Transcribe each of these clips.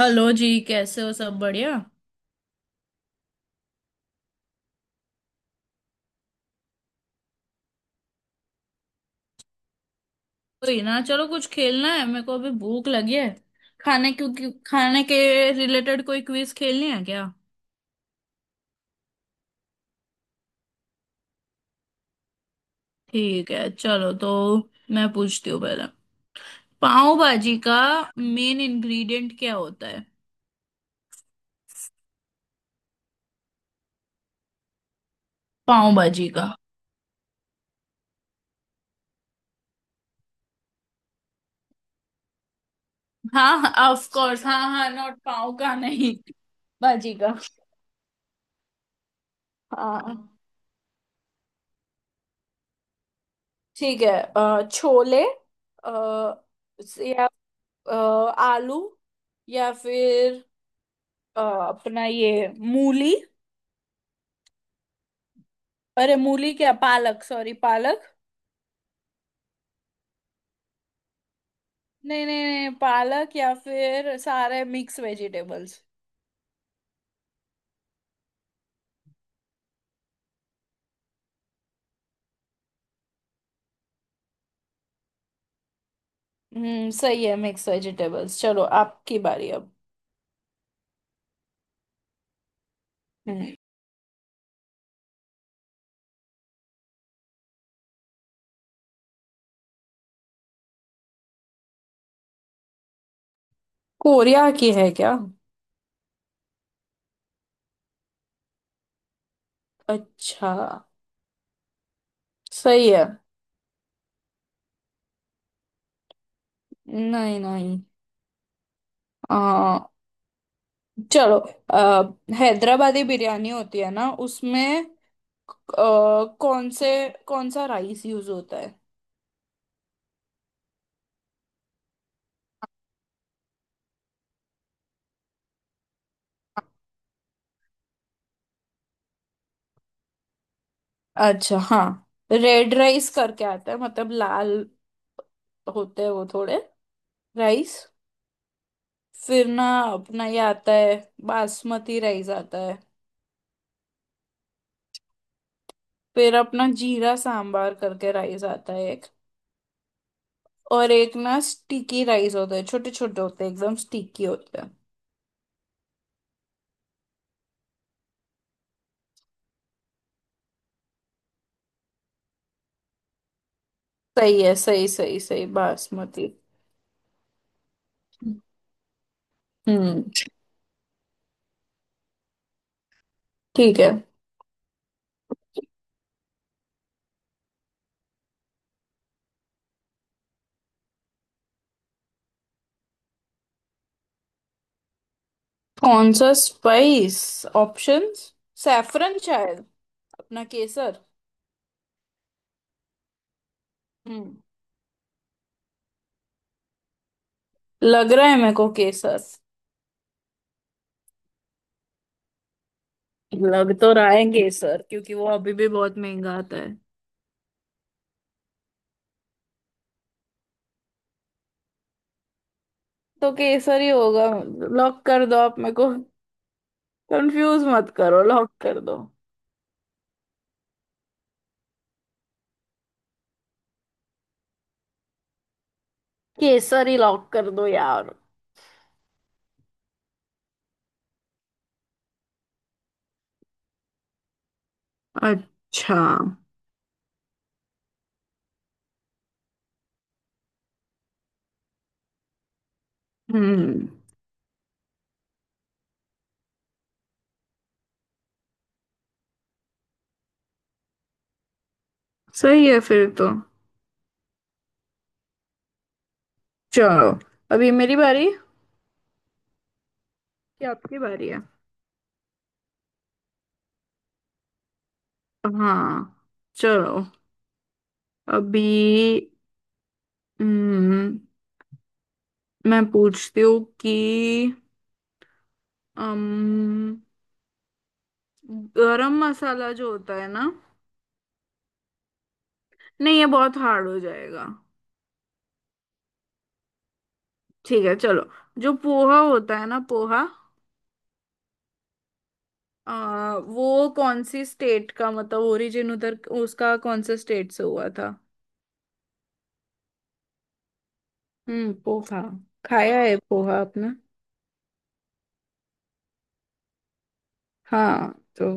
Hello जी, कैसे हो? सब बढ़िया। कोई ना, चलो कुछ खेलना है मेरे को। अभी भूख लगी है खाने, क्योंकि खाने के रिलेटेड कोई क्विज खेलनी है क्या? ठीक है, चलो तो मैं पूछती हूँ पहले। पाव भाजी का मेन इंग्रेडिएंट क्या होता है? पाव भाजी का। हाँ ऑफ कोर्स, हाँ हाँ, नॉट पाव का, नहीं भाजी का। हाँ। ठीक है। छोले, अ, या अ, आलू, या फिर अपना ये मूली। अरे मूली क्या, पालक, सॉरी पालक। नहीं नहीं नहीं, पालक या फिर सारे मिक्स वेजिटेबल्स। हम्म, सही है, मिक्स वेजिटेबल्स। चलो आपकी बारी अब। हम्म। कोरिया की है क्या? अच्छा, सही है। नहीं नहीं। आ, चलो। आ, हैदराबादी बिरयानी होती है ना, उसमें आ, कौन से कौन सा राइस यूज होता है? अच्छा हाँ। रेड राइस करके आता है, मतलब लाल होते हैं वो, थोड़े राइस। फिर ना, अपना ये आता है, बासमती राइस आता है। फिर अपना जीरा सांबार करके राइस आता है एक। और एक ना स्टिकी राइस होता है, छोटे छोटे होते हैं, एकदम स्टिकी होते हैं। सही है, सही सही सही, बासमती। हम्म। ठीक है। कौन सा स्पाइस? ऑप्शंस? सैफरन शायद, अपना केसर। हम्म। लग रहा है मेरे को केसर। लग तो रहा है केसर, क्योंकि वो अभी भी बहुत महंगा आता है। तो केसर ही होगा, लॉक कर दो आप। मेरे को कंफ्यूज मत करो, लॉक कर दो। केसर ही लॉक कर दो यार। अच्छा। हम्म। सही है फिर तो। चलो। अभी मेरी बारी कि आपकी बारी है। हाँ चलो अभी। हम्म। मैं पूछती हूँ कि अम गरम मसाला जो होता है ना, नहीं, ये बहुत हार्ड हो जाएगा। ठीक है, चलो। जो पोहा होता है ना, पोहा, वो कौन सी स्टेट का, मतलब ओरिजिन उधर उसका कौन से स्टेट से हुआ था? हम्म, पोहा। खाया है पोहा आपने? हाँ तो।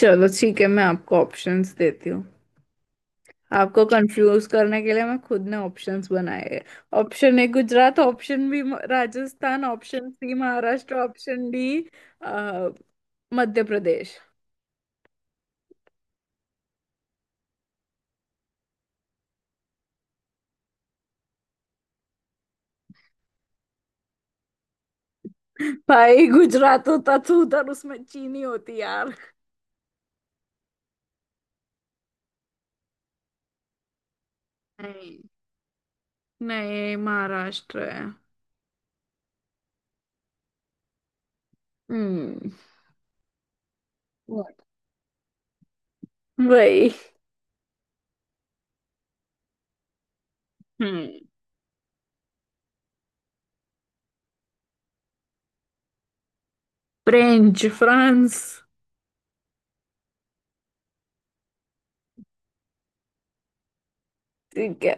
चलो ठीक है, मैं आपको ऑप्शंस देती हूँ। आपको कंफ्यूज करने के लिए मैं खुद ने ऑप्शंस बनाए हैं। Option A Gujarat, option B Rajasthan, option C Maharashtra, option D Madhya Pradesh. भाई, गुजरात होता तो उधर उसमें चीनी होती यार। नहीं नहीं, महाराष्ट्र है। हम्म। What? वही। हम्म। French France. ठीक है।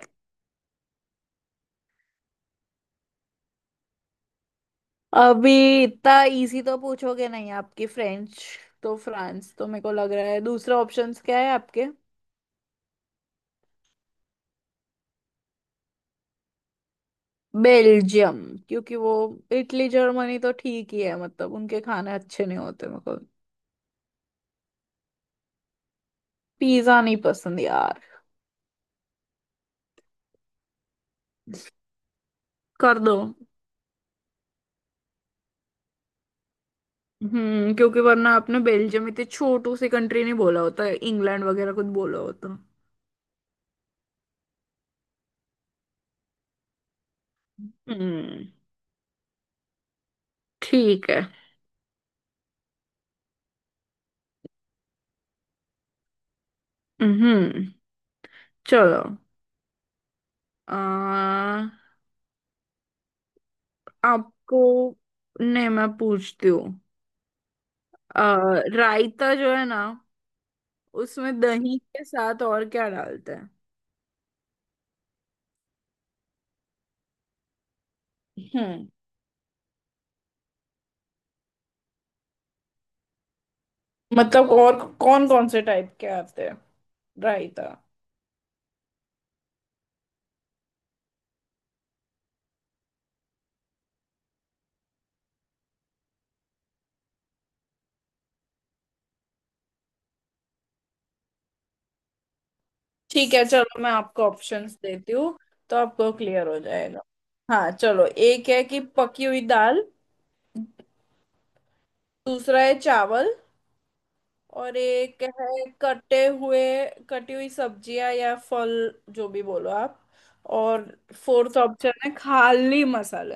अभी इतना इजी तो पूछोगे नहीं आपकी फ्रेंच, तो फ्रांस तो मेरे को लग रहा है। दूसरा ऑप्शंस क्या है आपके? बेल्जियम, क्योंकि वो, इटली जर्मनी तो ठीक ही है, मतलब उनके खाने अच्छे नहीं होते मेरे को, पिज्जा नहीं पसंद यार। कर दो। हम्म, क्योंकि वरना आपने बेल्जियम इतनी छोटू सी कंट्री नहीं बोला होता, इंग्लैंड वगैरह कुछ बोला होता। हम्म, ठीक है। हम्म, चलो। आ, आपको, नहीं, मैं पूछती हूँ। आ, रायता जो है ना, उसमें दही के साथ और क्या डालते हैं? हम्म, मतलब और कौन कौन से टाइप के आते हैं रायता? ठीक है, चलो, मैं आपको ऑप्शंस देती हूँ, तो आपको क्लियर हो जाएगा। हाँ चलो, एक है कि पकी हुई दाल, दूसरा है चावल, और एक है कटे हुए, कटी हुई सब्जियां या फल, जो भी बोलो आप, और फोर्थ ऑप्शन है खाली मसाले।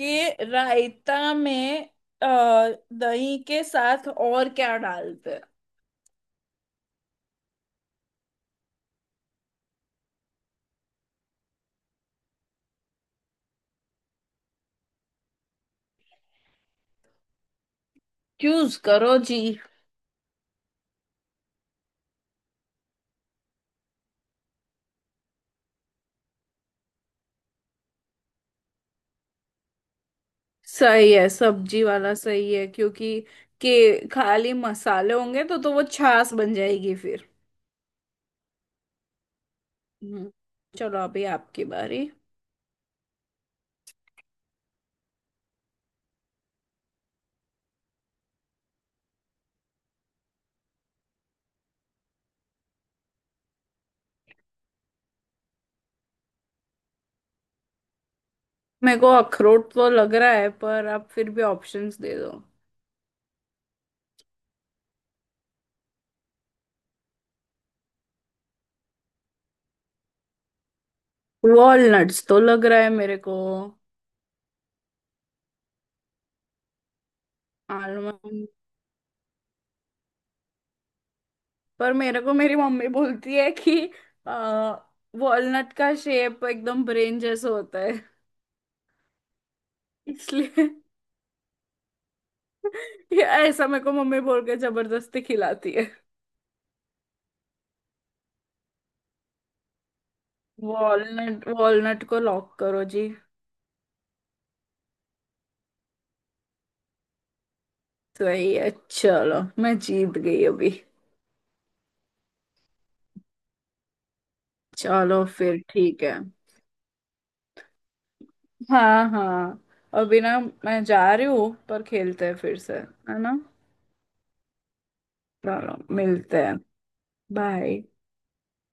कि रायता में अ, दही के साथ और क्या डालते हैं। चूज करो जी। सही है, सब्जी वाला सही है, क्योंकि के खाली मसाले होंगे तो वो छाछ बन जाएगी फिर। हम्म। चलो अभी आपकी बारी। मेरे को अखरोट तो लग रहा है, पर आप फिर भी ऑप्शंस दे दो। वॉलनट्स तो लग रहा है मेरे को। आलमंड। पर मेरे को मेरी मम्मी बोलती है कि आ, वॉलनट का शेप एकदम ब्रेन जैसा होता है, इसलिए। ये, ऐसा मेरे को मम्मी बोल के जबरदस्ती खिलाती है। वॉलनट, वॉलनट को लॉक करो जी। सही है, चलो, मैं जीत गई अभी। चलो फिर ठीक है। हाँ हाँ। अभी ना, मैं जा रही हूँ, पर खेलते हैं फिर से, है ना? चलो मिलते हैं। बाय।